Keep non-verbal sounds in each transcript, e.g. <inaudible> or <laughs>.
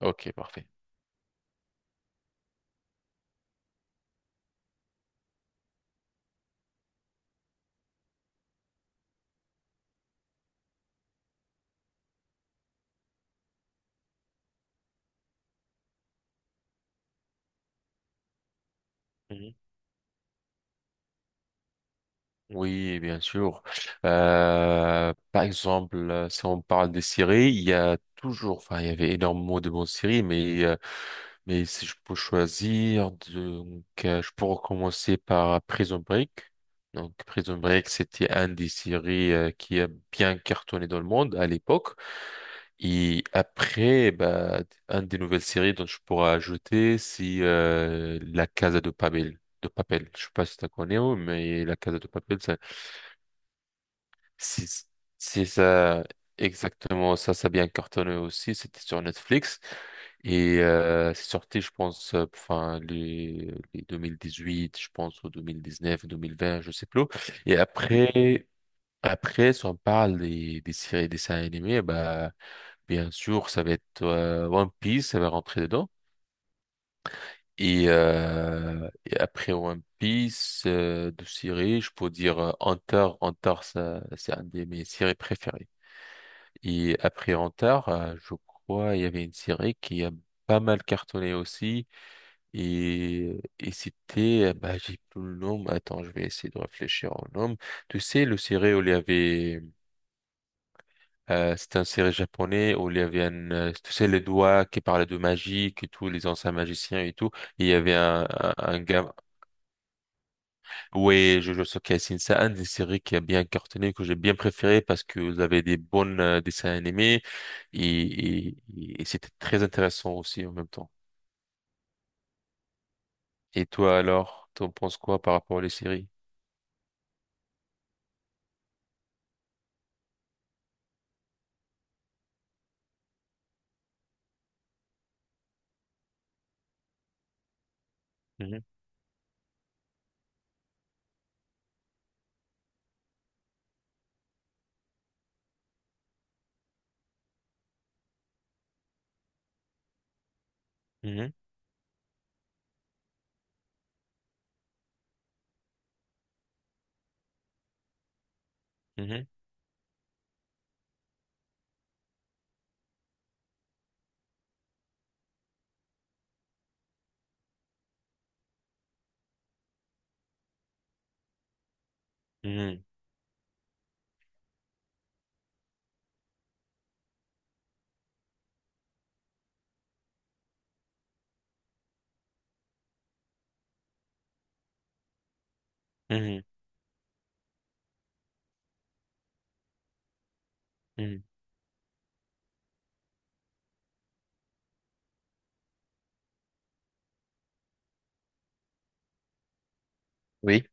OK, parfait. Mhm. Oui, bien sûr. Par exemple, si on parle des séries, il y a toujours, enfin, il y avait énormément de bonnes séries, mais Mais si je peux choisir, donc, je pourrais commencer par Prison Break. Donc, Prison Break, c'était une des séries qui a bien cartonné dans le monde à l'époque. Et après, bah, une des nouvelles séries dont je pourrais ajouter, c'est La Casa de Papel. De Papel. Je sais pas si tu connais, mais La Casa de Papel, c'est c'est ça, exactement ça, ça a bien cartonné aussi. C'était sur Netflix et c'est sorti, je pense, enfin les huit je pense, ou deux mille dix neuf mille vingt je sais plus. Et après, si on parle des séries, des dessins animés, bah bien sûr, ça va être One Piece, ça va rentrer dedans. Et après One Piece, de séries, je peux dire Hunter, Hunter, ça, c'est un de mes séries préférées. Et après Antar, je crois, il y avait une série qui a pas mal cartonné aussi. Et c'était, bah, j'ai plus le nom. Mais attends, je vais essayer de réfléchir au nom. Tu sais, le série où il y avait, c'était un série japonais où il y avait un, tu sais, les doigts qui parlaient de magie, et tout, les anciens magiciens et tout. Et il y avait un gars, Oui, Jojo Sokka c'est un des séries qui a bien cartonné, que j'ai bien préféré parce que vous avez des bons dessins animés et c'était très intéressant aussi en même temps. Et toi alors, t'en penses quoi par rapport à les séries? Mhm, mhm, mhm, mhm, mhm, mhm. Oui.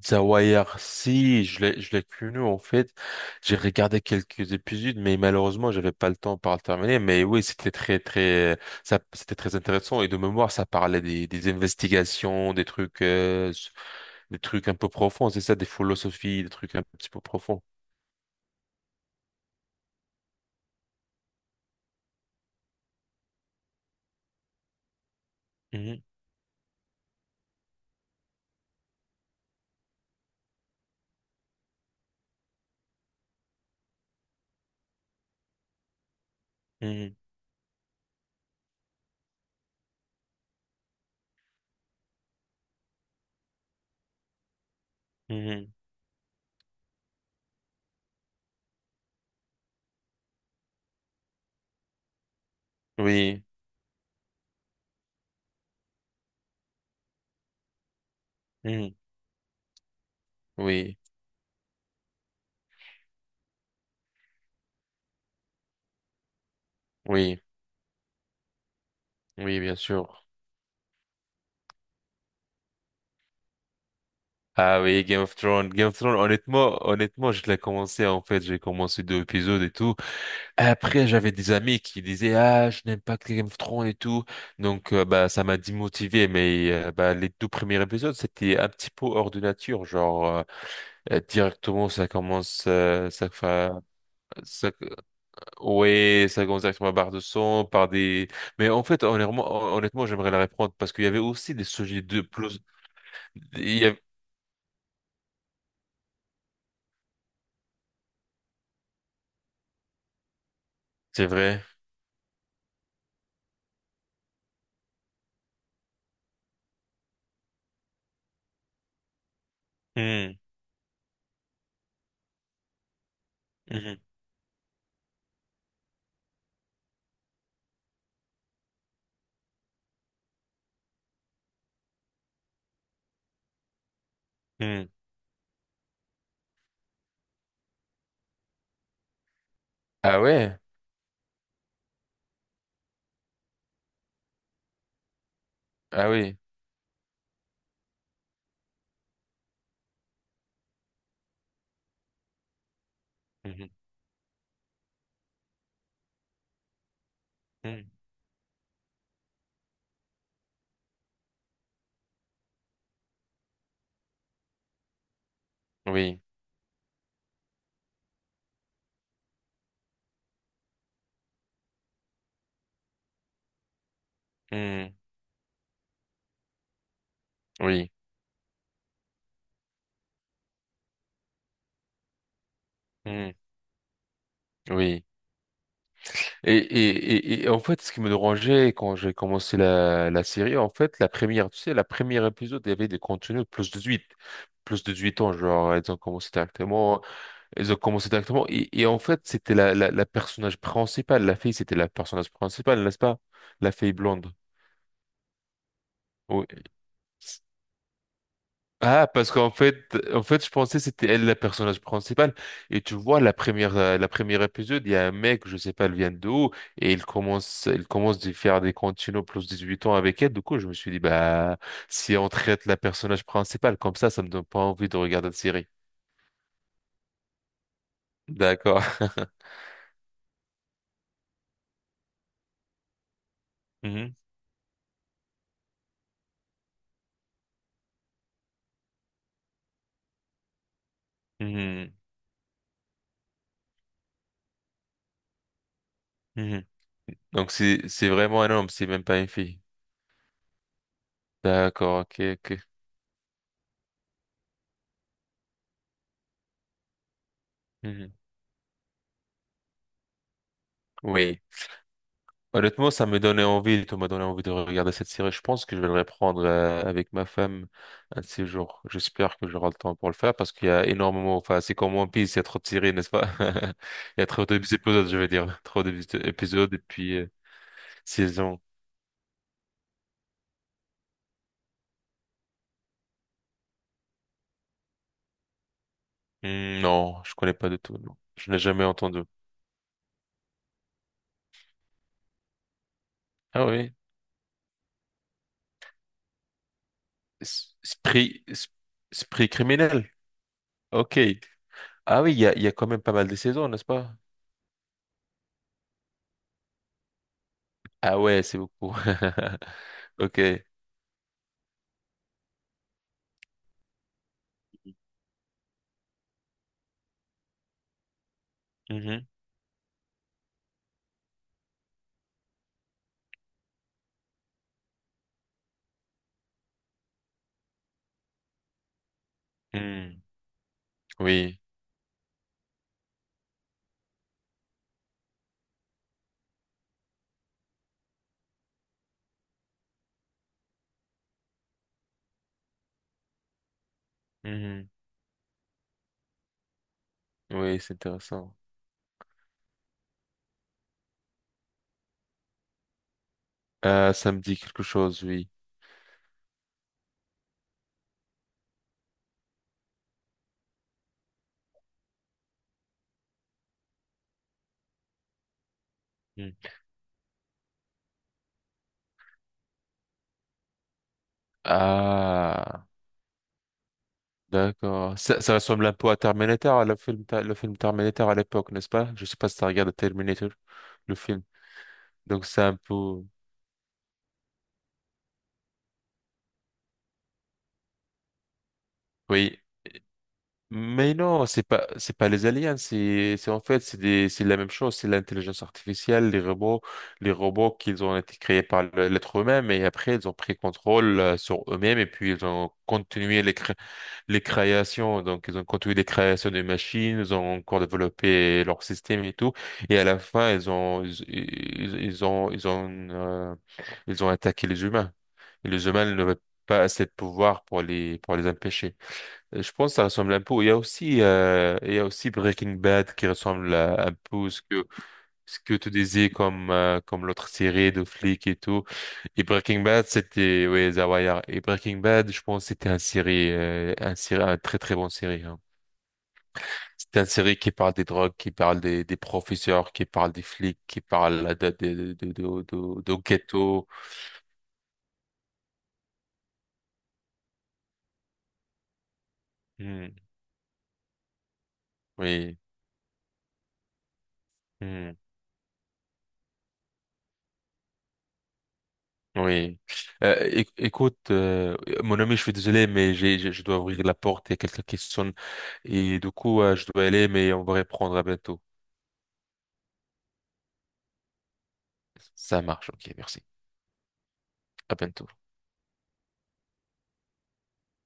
The Wire, si, je l'ai connu en fait. J'ai regardé quelques épisodes, mais malheureusement, j'avais pas le temps pour le terminer. Mais oui, c'était très, très, ça, c'était très intéressant. Et de mémoire, ça parlait des investigations, des trucs, des trucs un peu profonds. C'est ça, des philosophies, des trucs un petit peu profonds. Mhm, mhm, mhm. Oui, mhm, oui, oui, oui, bien sûr. Ah oui, Game of Thrones. Game of Thrones, honnêtement, je l'ai commencé en fait. J'ai commencé deux épisodes et tout. Après, j'avais des amis qui disaient, ah, je n'aime pas Game of Thrones et tout. Donc, bah, ça m'a démotivé. Mais bah, les deux premiers épisodes, c'était un petit peu hors de nature. Genre, directement, ça commence, ça, ça, ouais, ça commence directement par de son, par des. Mais en fait, honnêtement, j'aimerais la reprendre parce qu'il y avait aussi des sujets de plus. il y avait- C'est vrai. Hmm, mhm, hmm. Ah ouais? Ah oui. Mhm, hmm. Oui. Hmm, oui. Hmm, oui. Et, et, et en fait, ce qui me dérangeait quand j'ai commencé la série, en fait, la première, tu sais, la première épisode, il y avait des contenus de plus de 18, plus de 18 ans, genre, ils ont commencé directement, et en fait, c'était la personnage principale, la fille, c'était la personnage principale, n'est-ce pas? La fille blonde. Oui. Ah, parce qu'en fait, je pensais que c'était elle la personnage principal. Et tu vois, la première épisode, il y a un mec, je sais pas, elle vient d'où, et il commence de faire des continuos plus 18 ans avec elle. Du coup, je me suis dit, bah, si on traite la personnage principale comme ça me donne pas envie de regarder la série. D'accord. <laughs> Mhm, mhm, mhm. Donc, c'est vraiment un homme, c'est même pas une fille. D'accord, OK, OK. Mhm. Oui. Honnêtement, ça me donnait envie, tu m'as donné envie de regarder cette série. Je pense que je vais le reprendre avec ma femme un de ces jours. J'espère que j'aurai le temps pour le faire parce qu'il y a énormément, enfin, c'est comme One Piece, il y a trop de séries, n'est-ce pas? <laughs> Il y a trop d'épisodes, je veux dire. Trop d'épisodes et puis saisons. Hmm, non, je connais pas du tout, non. Je n'ai jamais entendu. Ah oui. Esprit, esprit criminel. OK. Ah oui, il y a quand même pas mal de saisons, n'est-ce pas? Ah ouais, c'est beaucoup. <laughs> OK. Mhm. Hmm. Oui. Mhm. Oui, c'est intéressant. Ça me dit quelque chose, oui. Mm. Ah, d'accord. Ça ressemble un peu à Terminator, le film Terminator à l'époque, n'est-ce pas? Je sais pas si tu regardes Terminator, le film. Donc c'est un peu, oui. Mais non, c'est pas les aliens, c'est en fait, c'est la même chose, c'est l'intelligence artificielle, les robots, qu'ils ont été créés par l'être humain, et après ils ont pris contrôle sur eux-mêmes et puis ils ont continué les créations. Donc, ils ont continué les créations des machines, ils ont encore développé leur système et tout. Et à la fin, ils ont, ils- ils ont, ils ont, ils ont attaqué les humains. Et les humains n'avaient pas assez de pouvoir pour les empêcher. Et je pense que ça ressemble un peu. Il y a aussi Breaking Bad qui un peu à ce que tu disais comme l'autre série de flics et tout. Et Breaking Bad, c'était ouais, The Wire. Et Breaking Bad, je pense, c'était un très très bon série. Hein. C'était un série qui parle des drogues, qui parle des professeurs, qui parle des flics, qui parle de ghetto. Hmm, oui. Hmm, oui. Écoute, mon ami, je suis désolé, mais je dois ouvrir la porte. Il y a quelqu'un qui sonne. Et du coup, je dois aller, mais on va reprendre à bientôt. Ça marche, OK, merci. À bientôt.